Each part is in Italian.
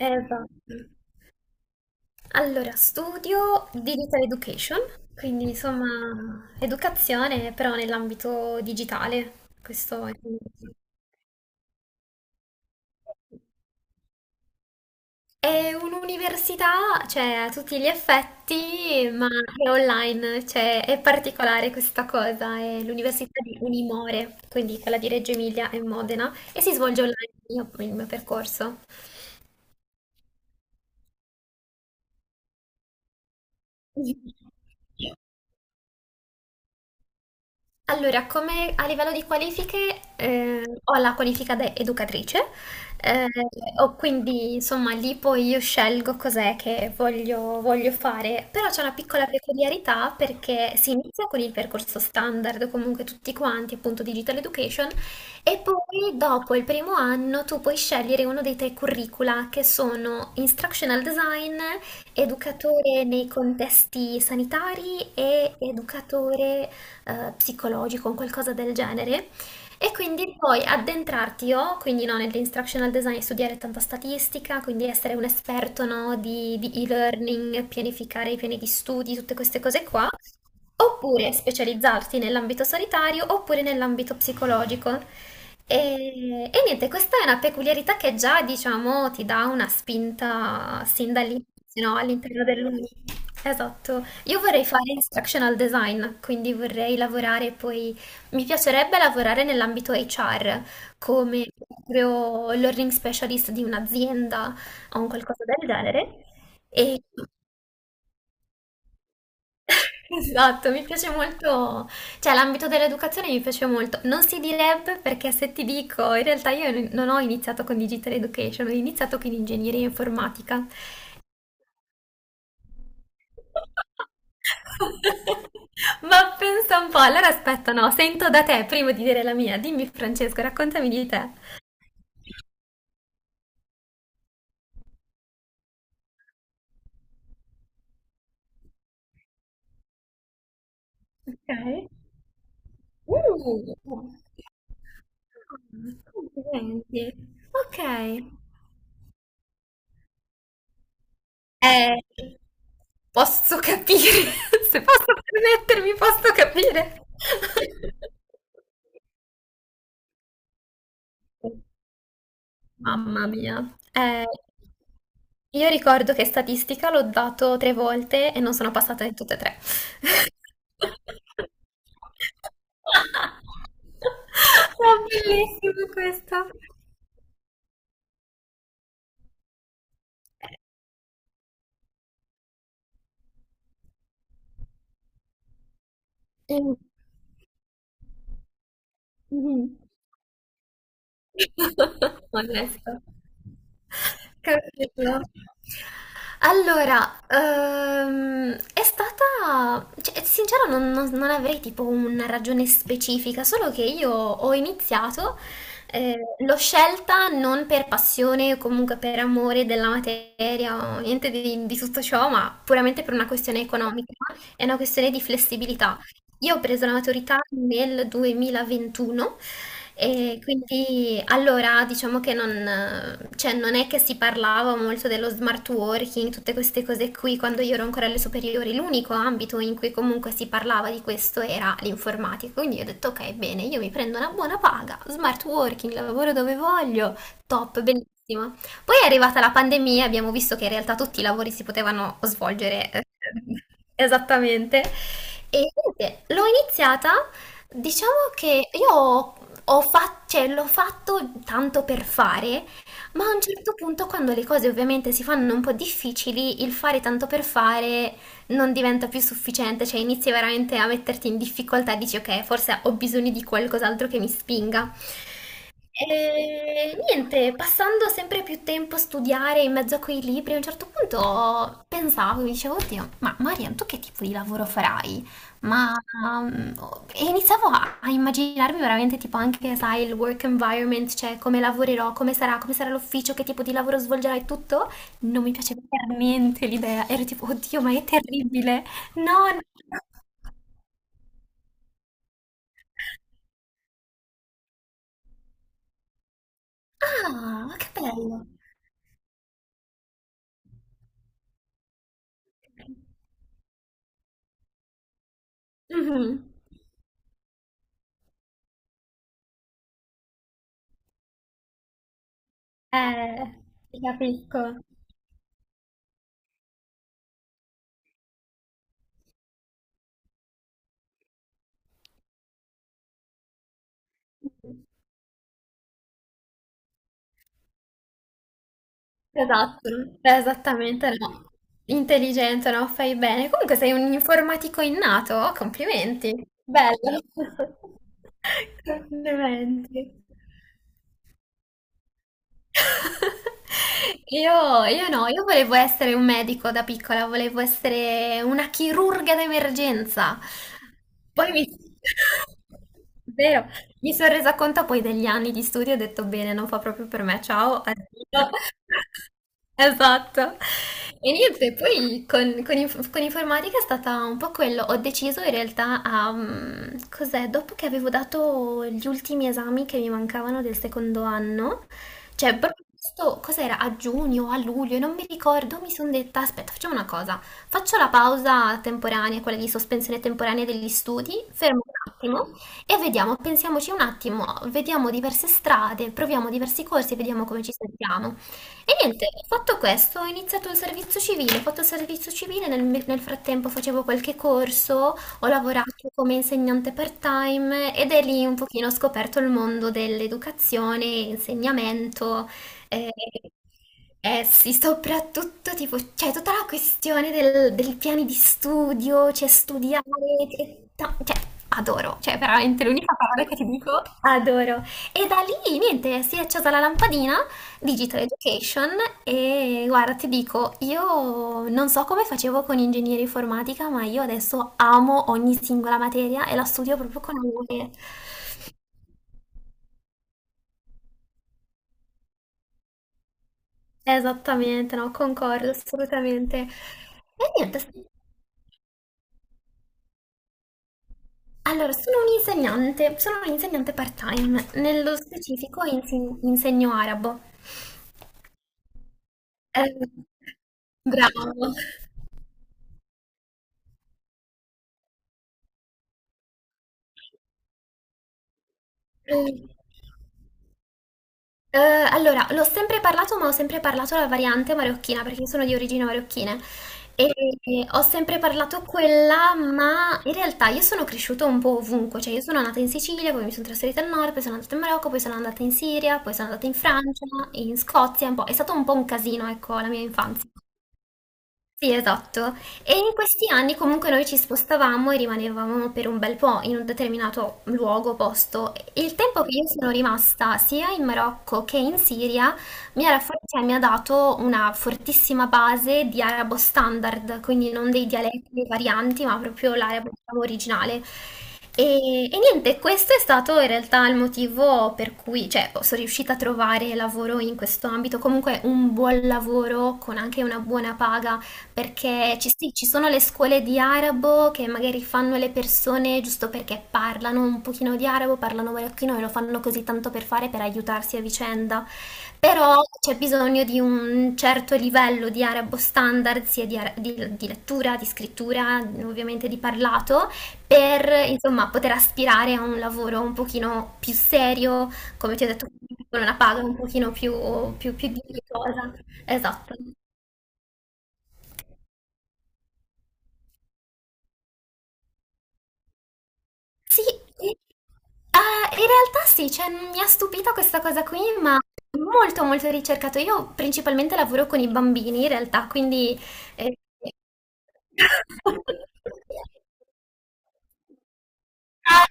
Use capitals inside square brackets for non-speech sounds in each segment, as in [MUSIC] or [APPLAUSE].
Va. Allora, studio Digital Education, quindi insomma educazione però nell'ambito digitale. Questo è... È un'università, cioè a tutti gli effetti, ma è online, cioè è particolare questa cosa, è l'università di Unimore, quindi quella di Reggio Emilia e Modena, e si svolge online il mio percorso. [LAUGHS] Allora, come a livello di qualifiche, ho la qualifica da educatrice, eh, ho quindi insomma lì poi io scelgo cos'è che voglio, voglio fare, però c'è una piccola peculiarità perché si inizia con il percorso standard, comunque tutti quanti, appunto Digital Education, e poi dopo il 1º anno tu puoi scegliere uno dei tre curricula che sono Instructional Design, educatore nei contesti sanitari e educatore psicologico, un qualcosa del genere. E quindi poi addentrarti io, quindi no, nell'instructional design, studiare tanta statistica, quindi essere un esperto no, di e-learning, pianificare i piani di studi, tutte queste cose qua, oppure specializzarti nell'ambito sanitario oppure nell'ambito psicologico. E niente, questa è una peculiarità che già, diciamo, ti dà una spinta sin dall'inizio, no, all'interno dell'Uni. Esatto. Io vorrei fare instructional design, quindi vorrei lavorare poi, mi piacerebbe lavorare nell'ambito HR come proprio learning specialist di un'azienda o un qualcosa del genere. E... [LAUGHS] Esatto, mi piace molto, cioè l'ambito dell'educazione mi piace molto. Non si direbbe perché se ti dico, in realtà io non ho iniziato con Digital Education, ho iniziato con ingegneria informatica. [LAUGHS] Ma pensa un po', allora aspetta, no, sento da te prima di dire la mia. Dimmi, Francesco, raccontami di te. Ok. Complimenti. Ok. Eh, Posso capire, [LAUGHS] se posso permettermi, posso capire. [LAUGHS] Mamma mia. Eh, io ricordo che statistica l'ho dato 3 volte e non sono passata in tutte e tre. [LAUGHS] È bellissima questa. Eh, mm, mhm. [LAUGHS] Onesto. Capito. Allora, è stata, cioè, sincero, non avrei tipo una ragione specifica, solo che io ho iniziato, l'ho scelta non per passione o comunque per amore della materia o niente di tutto ciò, ma puramente per una questione economica, è una questione di flessibilità. Io ho preso la maturità nel 2021 e quindi allora diciamo che non, cioè, non è che si parlava molto dello smart working, tutte queste cose qui, quando io ero ancora alle superiori, l'unico ambito in cui comunque si parlava di questo era l'informatica. Quindi io ho detto ok, bene, io mi prendo una buona paga, smart working, lavoro dove voglio, top, bellissimo. Poi è arrivata la pandemia, abbiamo visto che in realtà tutti i lavori si potevano svolgere [LAUGHS] esattamente. E niente, l'ho iniziata. Diciamo che cioè, l'ho fatto tanto per fare, ma a un certo punto, quando le cose ovviamente si fanno un po' difficili, il fare tanto per fare non diventa più sufficiente, cioè inizi veramente a metterti in difficoltà, dici ok, forse ho bisogno di qualcos'altro che mi spinga. E niente, passando sempre più tempo a studiare in mezzo a quei libri, a un certo punto pensavo, mi dicevo, oddio, ma Marian, tu che tipo di lavoro farai? Ma mm, e iniziavo a immaginarmi veramente tipo anche, sai, il work environment, cioè come lavorerò, come sarà l'ufficio, che tipo di lavoro svolgerai, tutto. Non mi piaceva per niente l'idea. Ero tipo, oddio, ma è terribile. No, no. Ah, che bello. Mhm. Eh, ti capisco. Esatto, esattamente no. Intelligente, no? Fai bene. Comunque sei un informatico innato, complimenti. Bello. [LAUGHS] Complimenti. Io no, io volevo essere un medico da piccola, volevo essere una chirurga d'emergenza. Poi mi... [LAUGHS] Vero, mi sono resa conto poi degli anni di studio e ho detto bene, non fa proprio per me, ciao, addio. [LAUGHS] Esatto. E niente, poi con informatica è stata un po' quello. Ho deciso in realtà a... cos'è? Dopo che avevo dato gli ultimi esami che mi mancavano del 2º anno, cioè, proprio questo, cos'era? A giugno, o a luglio, non mi ricordo, mi sono detta, aspetta, facciamo una cosa, faccio la pausa temporanea, quella di sospensione temporanea degli studi, fermo un attimo e vediamo, pensiamoci un attimo, vediamo diverse strade, proviamo diversi corsi, vediamo come ci sentiamo. E niente, ho fatto questo, ho iniziato il servizio civile, ho fatto il servizio civile, nel frattempo facevo qualche corso, ho lavorato come insegnante part-time ed è lì un pochino ho scoperto il mondo dell'educazione, insegnamento, eh, eh sì, soprattutto tipo, cioè tutta la questione del piani di studio, cioè studiare, cioè adoro, cioè veramente l'unica parola che ti dico, adoro. E da lì niente, si è accesa la lampadina Digital Education e guarda, ti dico, io non so come facevo con ingegneria informatica, ma io adesso amo ogni singola materia e la studio proprio con amore. Esattamente, no, concordo assolutamente. E niente, allora, sono un'insegnante part-time, nello specifico insegno arabo. Eh, bravo. Allora, l'ho sempre parlato, ma ho sempre parlato la variante marocchina perché io sono di origini marocchine e e ho sempre parlato quella, ma in realtà io sono cresciuta un po' ovunque, cioè io sono nata in Sicilia, poi mi sono trasferita al nord, poi sono andata in Marocco, poi sono andata in Siria, poi sono andata in Francia, in Scozia, un po'. È stato un po' un casino, ecco, la mia infanzia. Sì, esatto. E in questi anni comunque noi ci spostavamo e rimanevamo per un bel po' in un determinato luogo, posto. Il tempo che io sono rimasta sia in Marocco che in Siria cioè, mi ha dato una fortissima base di arabo standard, quindi non dei dialetti, dei varianti, ma proprio l'arabo diciamo, originale. E niente, questo è stato in realtà il motivo per cui, cioè, sono riuscita a trovare lavoro in questo ambito, comunque un buon lavoro con anche una buona paga. Perché ci, sì, ci sono le scuole di arabo che magari fanno le persone giusto perché parlano un pochino di arabo, parlano marocchino e lo fanno così tanto per fare, per aiutarsi a vicenda. Però c'è bisogno di un certo livello di arabo standard, sia di, di lettura, di scrittura, ovviamente di parlato, per insomma poter aspirare a un lavoro un pochino più serio, come ti ho detto, con una paga un pochino più dignitosa. Esatto. Sì, sì. Ah, in realtà sì, cioè, mi ha stupito questa cosa qui, ma è molto molto ricercato. Io principalmente lavoro con i bambini in realtà, quindi... eh, [LAUGHS] Ah,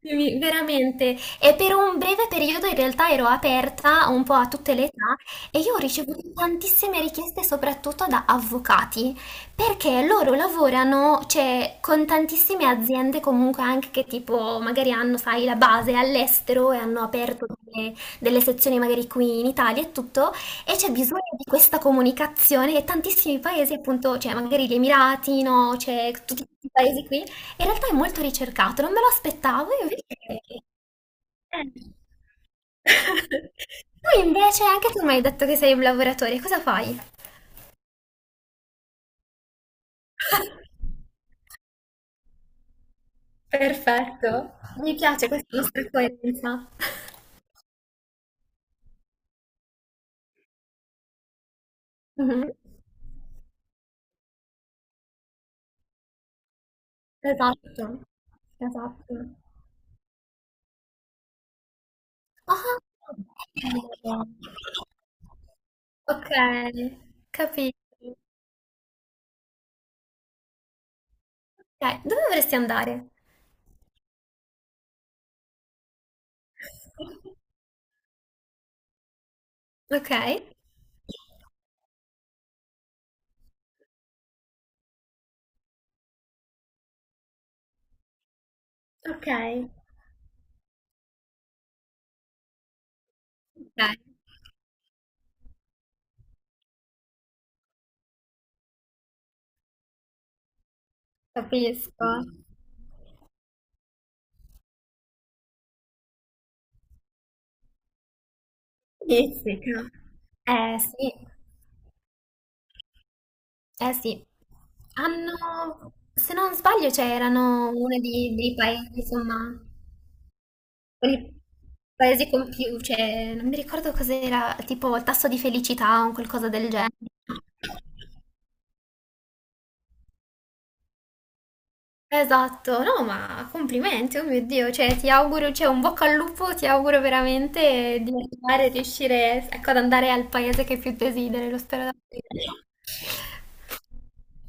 sì, veramente, e per un breve periodo in realtà ero aperta un po' a tutte le età e io ho ricevuto tantissime richieste soprattutto da avvocati perché loro lavorano, cioè, con tantissime aziende comunque anche che tipo magari hanno, sai, la base all'estero e hanno aperto delle, delle sezioni magari qui in Italia e tutto e c'è bisogno di questa comunicazione e tantissimi paesi appunto, cioè magari gli Emirati, no, cioè tutti questi paesi qui in realtà è molto ricercato, non me lo aspettavo, io perché... Eh. [LAUGHS] Tu invece, anche tu mi hai detto che sei un lavoratore, cosa fai? [LAUGHS] Perfetto, mi piace questa nostra coerenza. Mhm. Esatto, esatto. Ah, ok. Ok, capito. Ok, dove vorresti andare? Ok, ok, ok, capisco. Sì, sì. Eh sì, eh sì, hanno, se non sbaglio, c'erano dei paesi, insomma, quelli paesi con più, cioè, non mi ricordo cos'era, tipo il tasso di felicità o qualcosa del genere. Esatto, no, ma complimenti, oh mio Dio, cioè, ti auguro, cioè, un bocca al lupo, ti auguro veramente di arrivare, riuscire, ecco, ad andare al paese che più desideri, lo spero davvero.